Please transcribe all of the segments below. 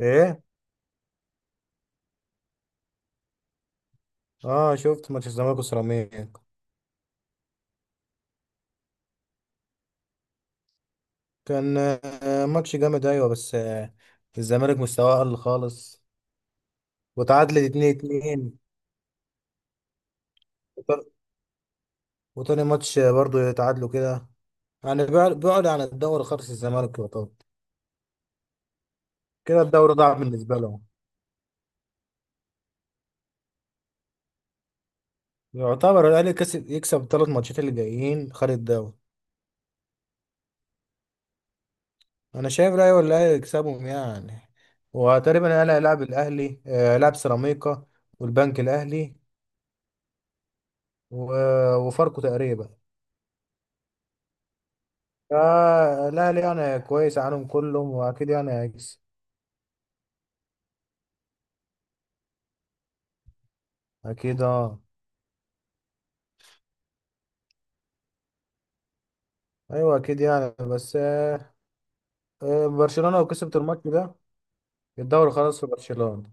ايه. اه، شفت ماتش الزمالك وسيراميكا. كان ماتش جامد، ايوه، بس الزمالك مستواه قل خالص وتعادلت 2-2. وتاني ماتش برضو يتعادلوا كده، يعني بعد عن الدوري خالص. الزمالك يعتبر كده الدوري ضاع بالنسبه لهم. يعتبر الاهلي كسب، يكسب الـ3 ماتشات اللي جايين خارج الدوري. انا شايف الاهلي، والاهلي يكسبهم يعني. وتقريبا الاهلي هيلاعب الاهلي هيلاعب سيراميكا والبنك الاهلي وفاركو تقريبا. لا لا، يعني كويس عنهم كلهم، واكيد يعني هيكسب. اكيد اه. ايوه اكيد يعني، بس آه آه، برشلونة لو كسبت الماتش ده، الدوري خلاص في برشلونة.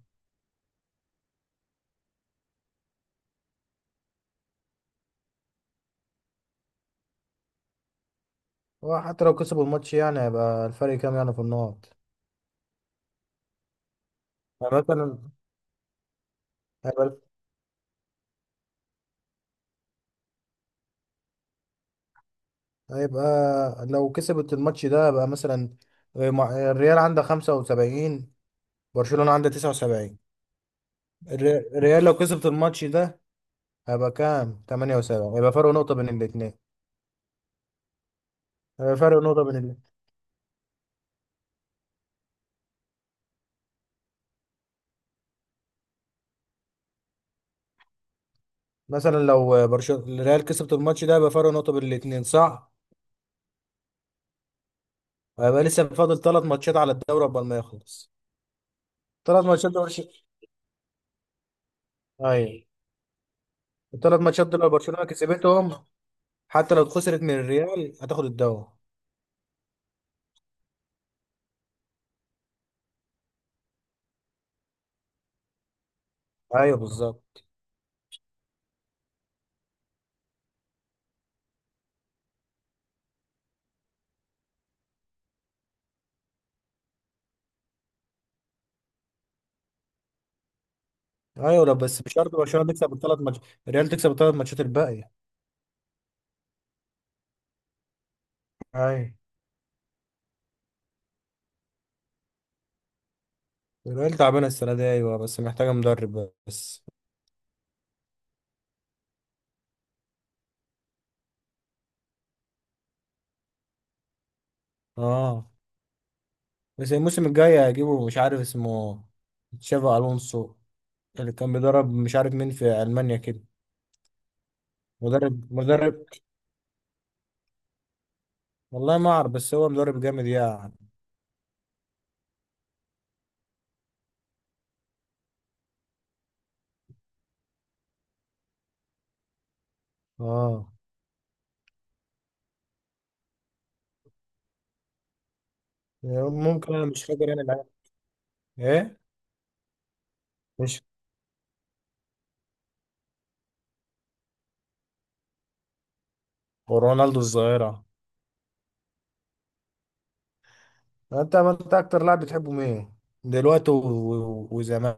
وحتى لو كسبوا الماتش، يعني هيبقى الفرق كام يعني في النقط؟ يعني مثلا هيبقى, هيبقى لو كسبت الماتش ده هيبقى مثلا الريال عنده 75، برشلونة عنده 79. الريال لو كسبت الماتش ده هيبقى كام، 78، يبقى فرق نقطة بين الاثنين. هيبقى فرق نقطة بين الاثنين. مثلا لو برشلونه الريال كسبت الماتش ده يبقى فرق نقطه بين الاثنين، صح؟ هيبقى لسه فاضل 3 ماتشات على الدوري قبل ما يخلص. 3 ماتشات دول برشلونه. ايوه، الـ3 ماتشات دول لو برشلونه كسبتهم، حتى لو خسرت من الريال هتاخد الدوري. ايوه بالظبط. ايوه لا، بس مش شرط برشلونه تكسب الـ3 ماتشات، الريال تكسب الـ3 ماتشات الباقيه. ايوه. الريال تعبانه السنه دي، ايوه، بس محتاجه مدرب بس. اه، بس الموسم الجاي هيجيبوا مش عارف اسمه، تشافي الونسو، اللي كان بيدرب مش عارف مين في المانيا كده. مدرب مدرب، والله ما اعرف، بس هو مدرب جامد يعني. اه. ممكن، انا مش فاكر، انا العيال. ايه؟ مش ورونالدو الظاهرة، انت، ما انت اكتر لاعب بتحبه مين دلوقتي وزمان؟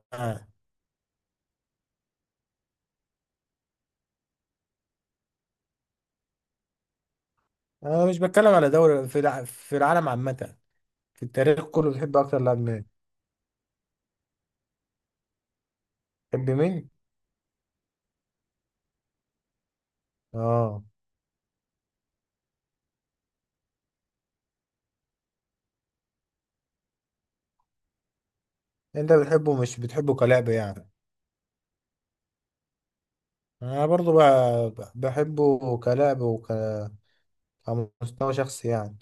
انا مش بتكلم على دوري، في في العالم عامة، في التاريخ كله بتحب اكتر لاعب مين؟ بتحب مين؟ اه. انت بتحبه، مش بتحبه كلاعب يعني؟ انا برضو بحبه كلاعب وكمستوى شخصي يعني.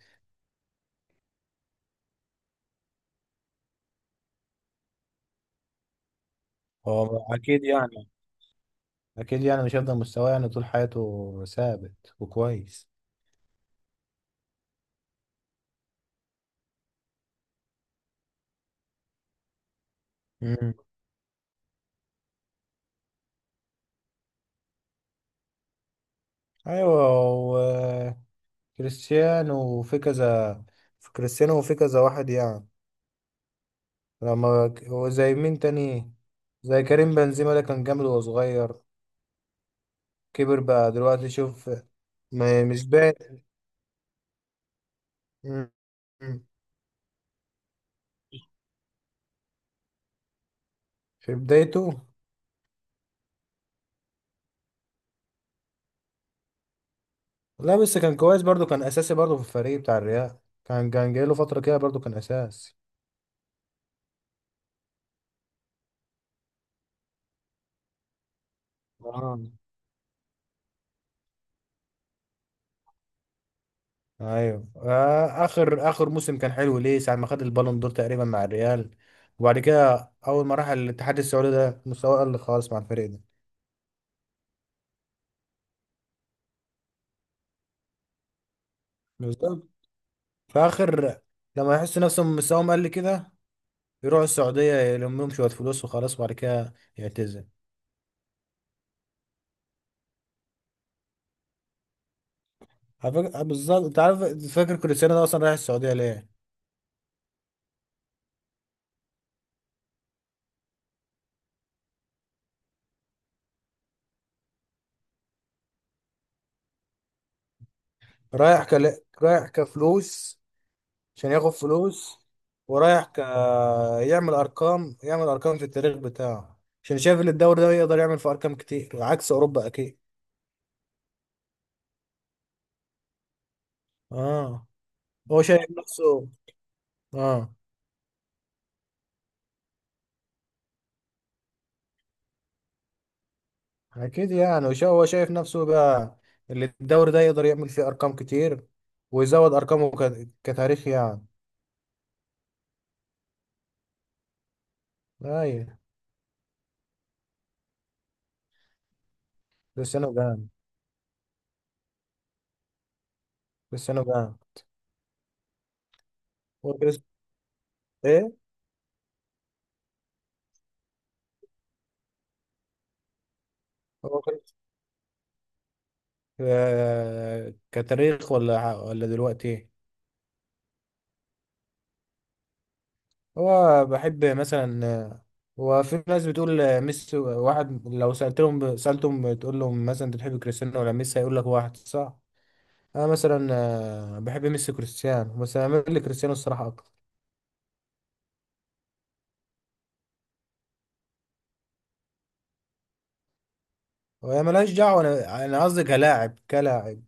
هو اكيد يعني، اكيد يعني مش هيفضل مستواه يعني طول حياته ثابت وكويس. مم. ايوه. وكريستيانو وفي كذا، في كريستيانو وفي كذا واحد يعني. لما هو زي مين تاني، زي كريم بنزيما، ده كان جامد وهو صغير، كبر بقى دلوقتي شوف، ما مش باين. مم. مم. في بدايته. لا بس كان كويس برضو، كان اساسي برضو في الفريق بتاع الريال. كان كان جاي له فترة كده برضو كان اساسي. آه. ايوه. اخر اخر موسم كان حلو ليه، ساعه ما خد البالون دور تقريبا مع الريال. وبعد كده اول ما راح الاتحاد السعودي ده مستواه قل خالص مع الفريق ده. بالظبط. فاخر، لما يحس نفسهم مستواهم قل كده يروحوا السعوديه يلم لهم شويه فلوس وخلاص، وبعد كده يعتزل. بالظبط، انت عارف فاكر كريستيانو ده اصلا رايح السعوديه ليه؟ رايح كفلوس، عشان ياخد فلوس. ورايح ك... يعمل ارقام، يعمل ارقام في التاريخ بتاعه، عشان شايف ان الدوري ده يقدر يعمل في ارقام كتير عكس اوروبا اكيد. اه. هو شايف نفسه. اه، اكيد يعني، هو شايف نفسه بقى اللي الدوري ده يقدر يعمل فيه ارقام كتير ويزود ارقامه كتاريخ يعني. ايوه. كريستيانو جان. كريستيانو جان. هو كريس. ايه. هو كريس كتاريخ ولا دلوقتي إيه؟ هو بحب مثلا هو في ناس بتقول ميسي واحد، لو سألتهم سألتهم تقول لهم مثلا انت بتحب كريستيانو ولا ميسي هيقول لك واحد، صح. انا مثلا بحب ميسي كريستيانو، بس انا بميل لكريستيانو الصراحة اكتر. وهي ملهاش دعوة، انا قصدي كلاعب كلاعب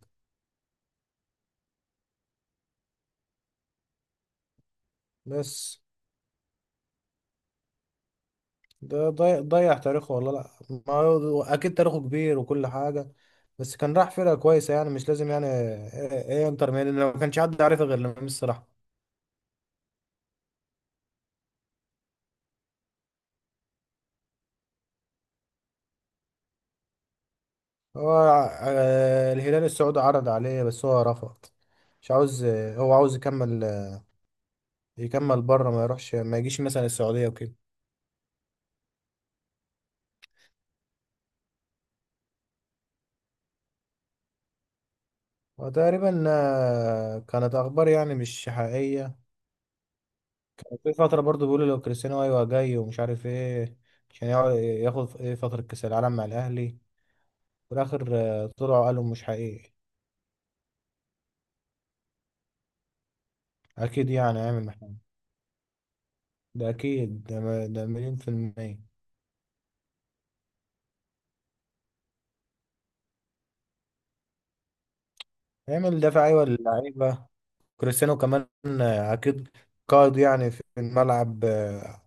بس. ده ضيع تاريخه والله. لا، ما هو اكيد تاريخه كبير وكل حاجة، بس كان راح فرقة كويسة يعني، مش لازم يعني ايه إيه إيه، انتر ميامي لو ما كانش حد عارفها غير لما ميسي راح. هو الهلال السعودي عرض عليه بس هو رفض، مش عاوز، هو عاوز يكمل، يكمل بره، ما يروحش، ما يجيش مثلا السعودية وكده. وتقريبا كانت أخبار يعني مش حقيقية. وفي فترة برضو بيقولوا لو كريستيانو أيوة جاي ومش عارف إيه، عشان ياخد إيه فترة كأس العالم مع الأهلي. في الآخر طلعوا قالوا مش حقيقي. أكيد يعني هيعمل محمد. ده أكيد، ده 100%. هيعمل دفع أيوة للعيبة. كريستيانو كمان اكيد قائد يعني في الملعب،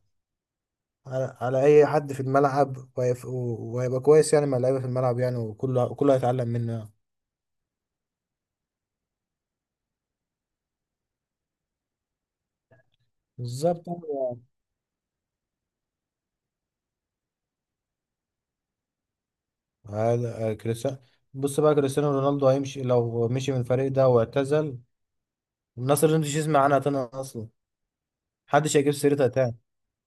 على على اي حد في الملعب، وهيبقى كويس يعني مع اللعيبه في الملعب يعني، وكله وكله هيتعلم منه يعني. بالظبط. هذا كريستيانو. بص بقى، كريستيانو رونالدو هيمشي، لو مشي من الفريق ده واعتزل، الناس اللي مش يسمع عنها تاني اصلا، محدش هيجيب سيرتها تاني،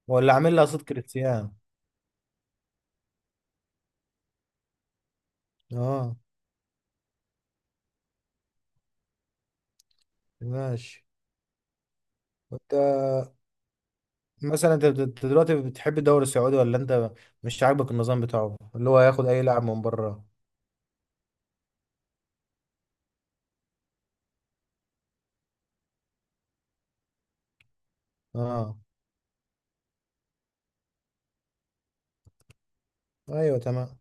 ولا عامل لها صوت كريستيانو. اه. ماشي. وانت مثلا، أنت دلوقتي بتحب الدوري السعودي، ولا انت مش عاجبك النظام بتاعه اللي هو هياخد اي لاعب من بره؟ اه. ايوه تمام.